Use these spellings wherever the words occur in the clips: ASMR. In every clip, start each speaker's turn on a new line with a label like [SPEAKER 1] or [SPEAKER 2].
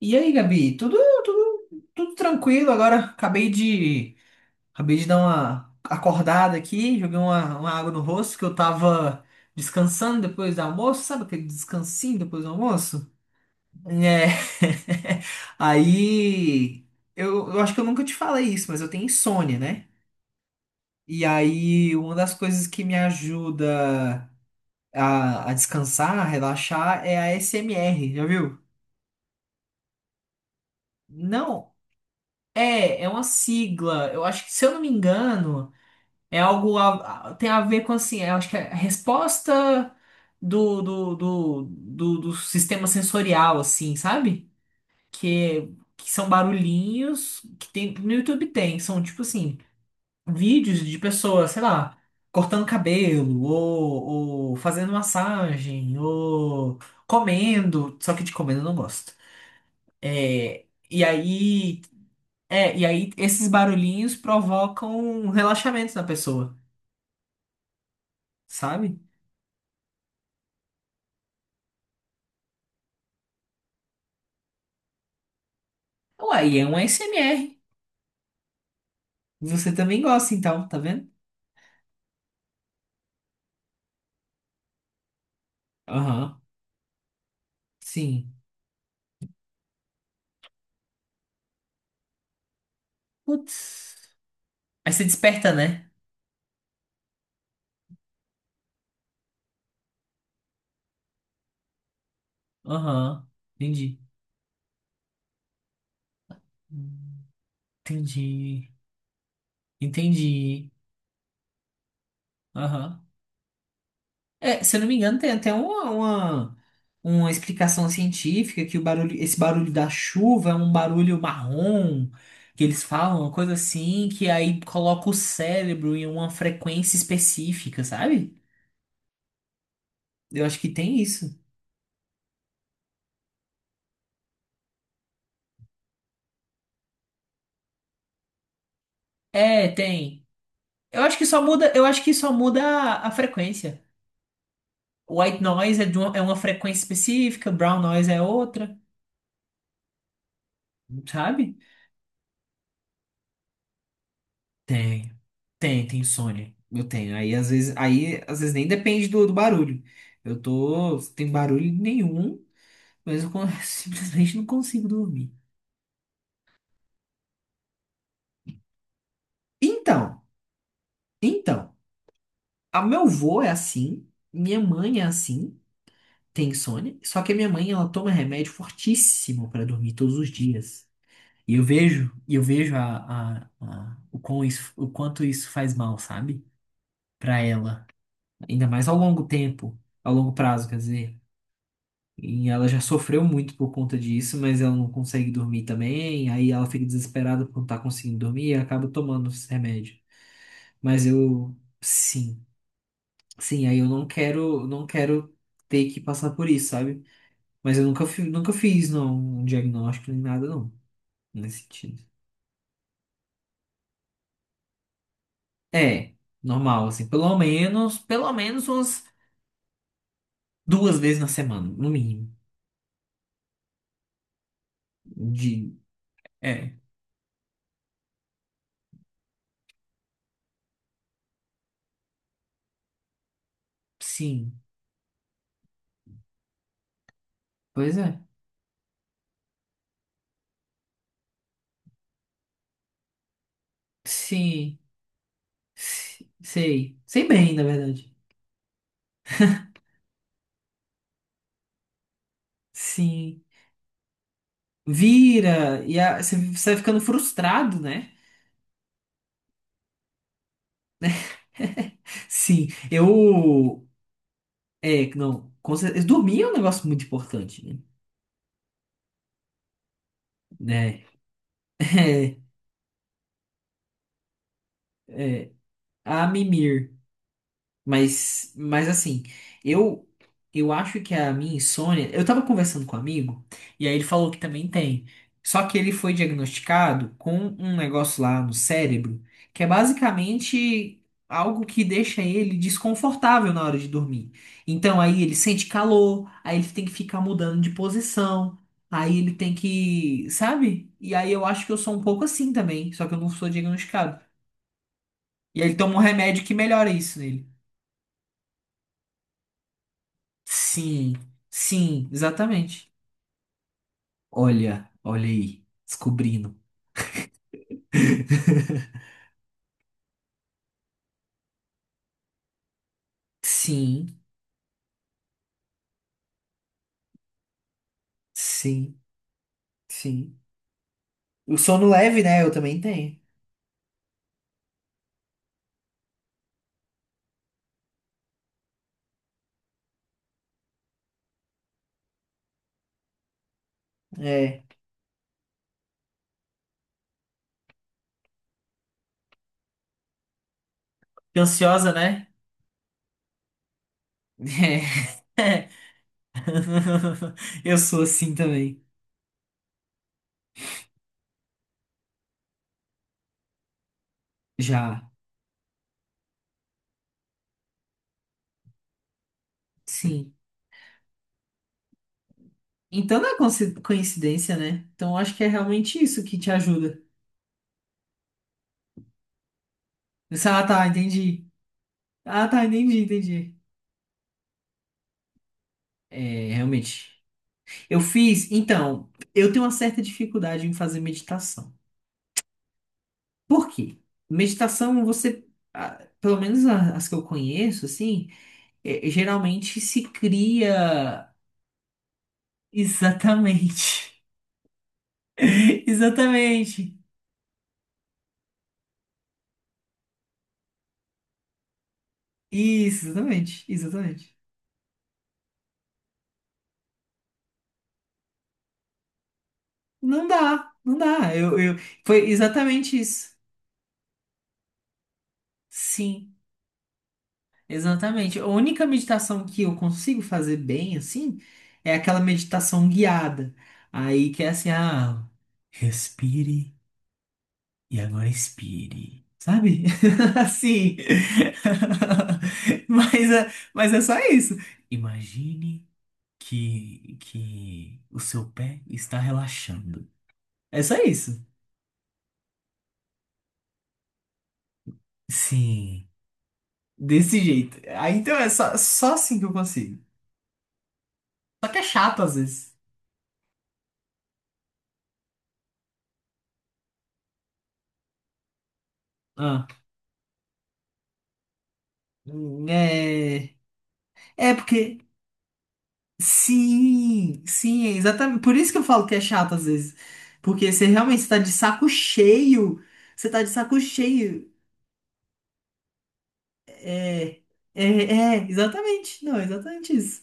[SPEAKER 1] E aí, Gabi? Tudo, tudo tranquilo agora. Acabei de dar uma acordada aqui, joguei uma água no rosto que eu tava descansando depois do almoço, sabe aquele descansinho depois do almoço? É. Aí, eu acho que eu nunca te falei isso, mas eu tenho insônia, né? E aí, uma das coisas que me ajuda a descansar, a relaxar, é a SMR, já viu? Não, é uma sigla. Eu acho que, se eu não me engano. É algo tem a ver com assim, eu acho que é a resposta do sistema sensorial, assim, sabe? Que, que são barulhinhos que tem no YouTube tem, são tipo assim, vídeos de pessoas, sei lá, cortando cabelo, ou fazendo massagem, ou comendo, só que de comendo eu não gosto. É, e aí, é, e aí, esses barulhinhos provocam um relaxamento na pessoa. Sabe? Uai, é um ASMR. Você também gosta, então, tá vendo? Aham, sim. Putz. Aí você desperta, né? Aham, entendi. Entendi. Entendi. Aham. É, se eu não me engano, tem até uma explicação científica que o barulho, esse barulho da chuva é um barulho marrom, que eles falam, uma coisa assim, que aí coloca o cérebro em uma frequência específica, sabe? Eu acho que tem isso. É, tem. Eu acho que só muda a frequência. White noise é uma frequência específica, brown noise é outra, sabe? Tem, tem insônia. Eu tenho. Aí às vezes nem depende do barulho. Eu tô sem barulho nenhum, mas eu simplesmente não consigo dormir. Então, então, a meu avô é assim, minha mãe é assim, tem insônia, só que a minha mãe ela toma remédio fortíssimo pra dormir todos os dias. E eu vejo o quanto isso faz mal, sabe? Pra ela. Ainda mais ao longo tempo, ao longo prazo, quer dizer. E ela já sofreu muito por conta disso, mas ela não consegue dormir também. Aí ela fica desesperada por não estar conseguindo dormir e acaba tomando esse remédio. Mas eu, sim, sim, aí eu não quero ter que passar por isso, sabe? Mas eu nunca fiz, não, um diagnóstico nem nada, não, nesse sentido. É, normal, assim, pelo menos umas duas vezes na semana, no mínimo. De, é, sim, pois é. Sim, sei bem, na verdade. Sim, vira, e você vai ficando frustrado, né? Sim, é, não, com certeza, dormir é um negócio muito importante, né? Né? É, a mimir. Mas assim, eu eu acho que a minha insônia. Eu tava conversando com um amigo, e aí ele falou que também tem. Só que ele foi diagnosticado com um negócio lá no cérebro, que é basicamente algo que deixa ele desconfortável na hora de dormir. Então aí ele sente calor, aí ele tem que ficar mudando de posição, aí ele tem que, sabe? E aí eu acho que eu sou um pouco assim também, só que eu não sou diagnosticado. E aí ele toma um remédio que melhora isso nele. Sim, sim, exatamente. Olha, olha aí, descobrindo. Sim, sim, sim. O sono leve, né? Eu também tenho. É. Fiquei ansiosa, né? É. Eu sou assim também. Já. Sim. Então não é coincidência, né? Então acho que é realmente isso que te ajuda. Ah, tá, entendi. Ah, tá, entendi, entendi. É, realmente. Eu fiz, então, eu tenho uma certa dificuldade em fazer meditação. Por quê? Meditação, você, ah, pelo menos as que eu conheço, assim, geralmente se cria exatamente. Exatamente. Isso, exatamente, exatamente. Não dá, não dá. Eu... Foi exatamente isso. Sim. Exatamente. A única meditação que eu consigo fazer bem, assim, é aquela meditação guiada. Aí que é assim, respire e agora expire. Sabe? Assim. Mas é só isso. Imagine que o seu pé está relaxando. É só isso. Sim, desse jeito. Aí então é só assim que eu consigo. Só que é chato às vezes. Ah, hum, é. É porque sim, sim, é exatamente. Por isso que eu falo que é chato às vezes. Porque você realmente está de saco cheio. Você tá de saco cheio. É, é, exatamente. Não, é exatamente isso.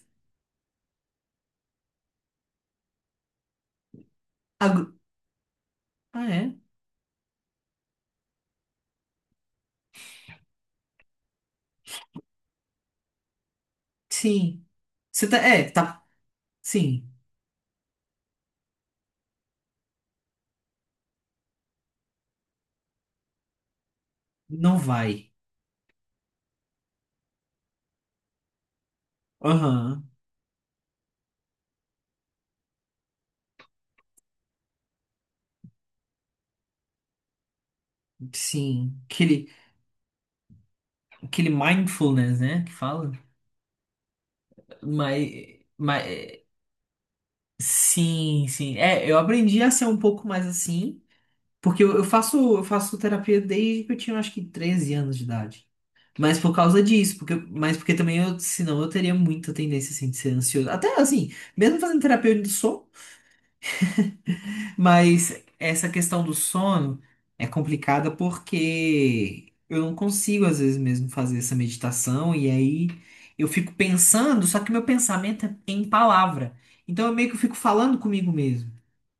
[SPEAKER 1] Ago- Ah, é? Sim. Você tá, sim. Não vai. Aham, sim. Aquele mindfulness, né, que fala. Mas, mas, sim, sim. É, eu aprendi a ser um pouco mais assim. Porque eu faço terapia desde que eu tinha, acho que, 13 anos de idade. Mas por causa disso, mas porque também eu, senão eu teria muita tendência, assim, de ser ansioso. Até, assim, mesmo fazendo terapia eu ainda sou, mas essa questão do sono é complicada porque eu não consigo, às vezes, mesmo fazer essa meditação e aí eu fico pensando, só que meu pensamento é em palavra. Então eu meio que fico falando comigo mesmo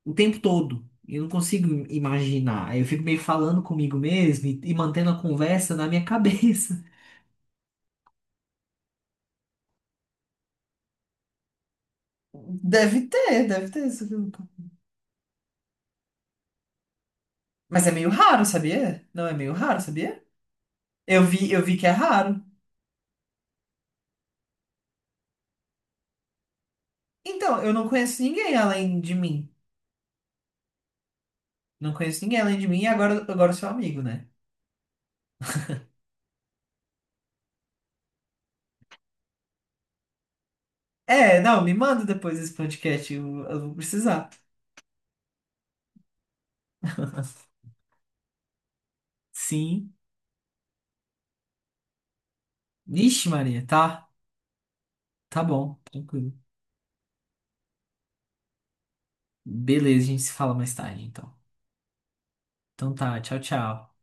[SPEAKER 1] o tempo todo. Eu não consigo imaginar. Aí eu fico meio falando comigo mesmo e mantendo a conversa na minha cabeça. Deve ter isso. Mas é meio raro, sabia? Não é meio raro, sabia? Eu vi que é raro. Então, eu não conheço ninguém além de mim. Não conheço ninguém além de mim e agora eu sou amigo, né? É, não, me manda depois esse podcast, eu vou precisar. Sim. Vixe, Maria, tá? Tá bom, tranquilo. Beleza, a gente se fala mais tarde, então. Então tá, tchau, tchau.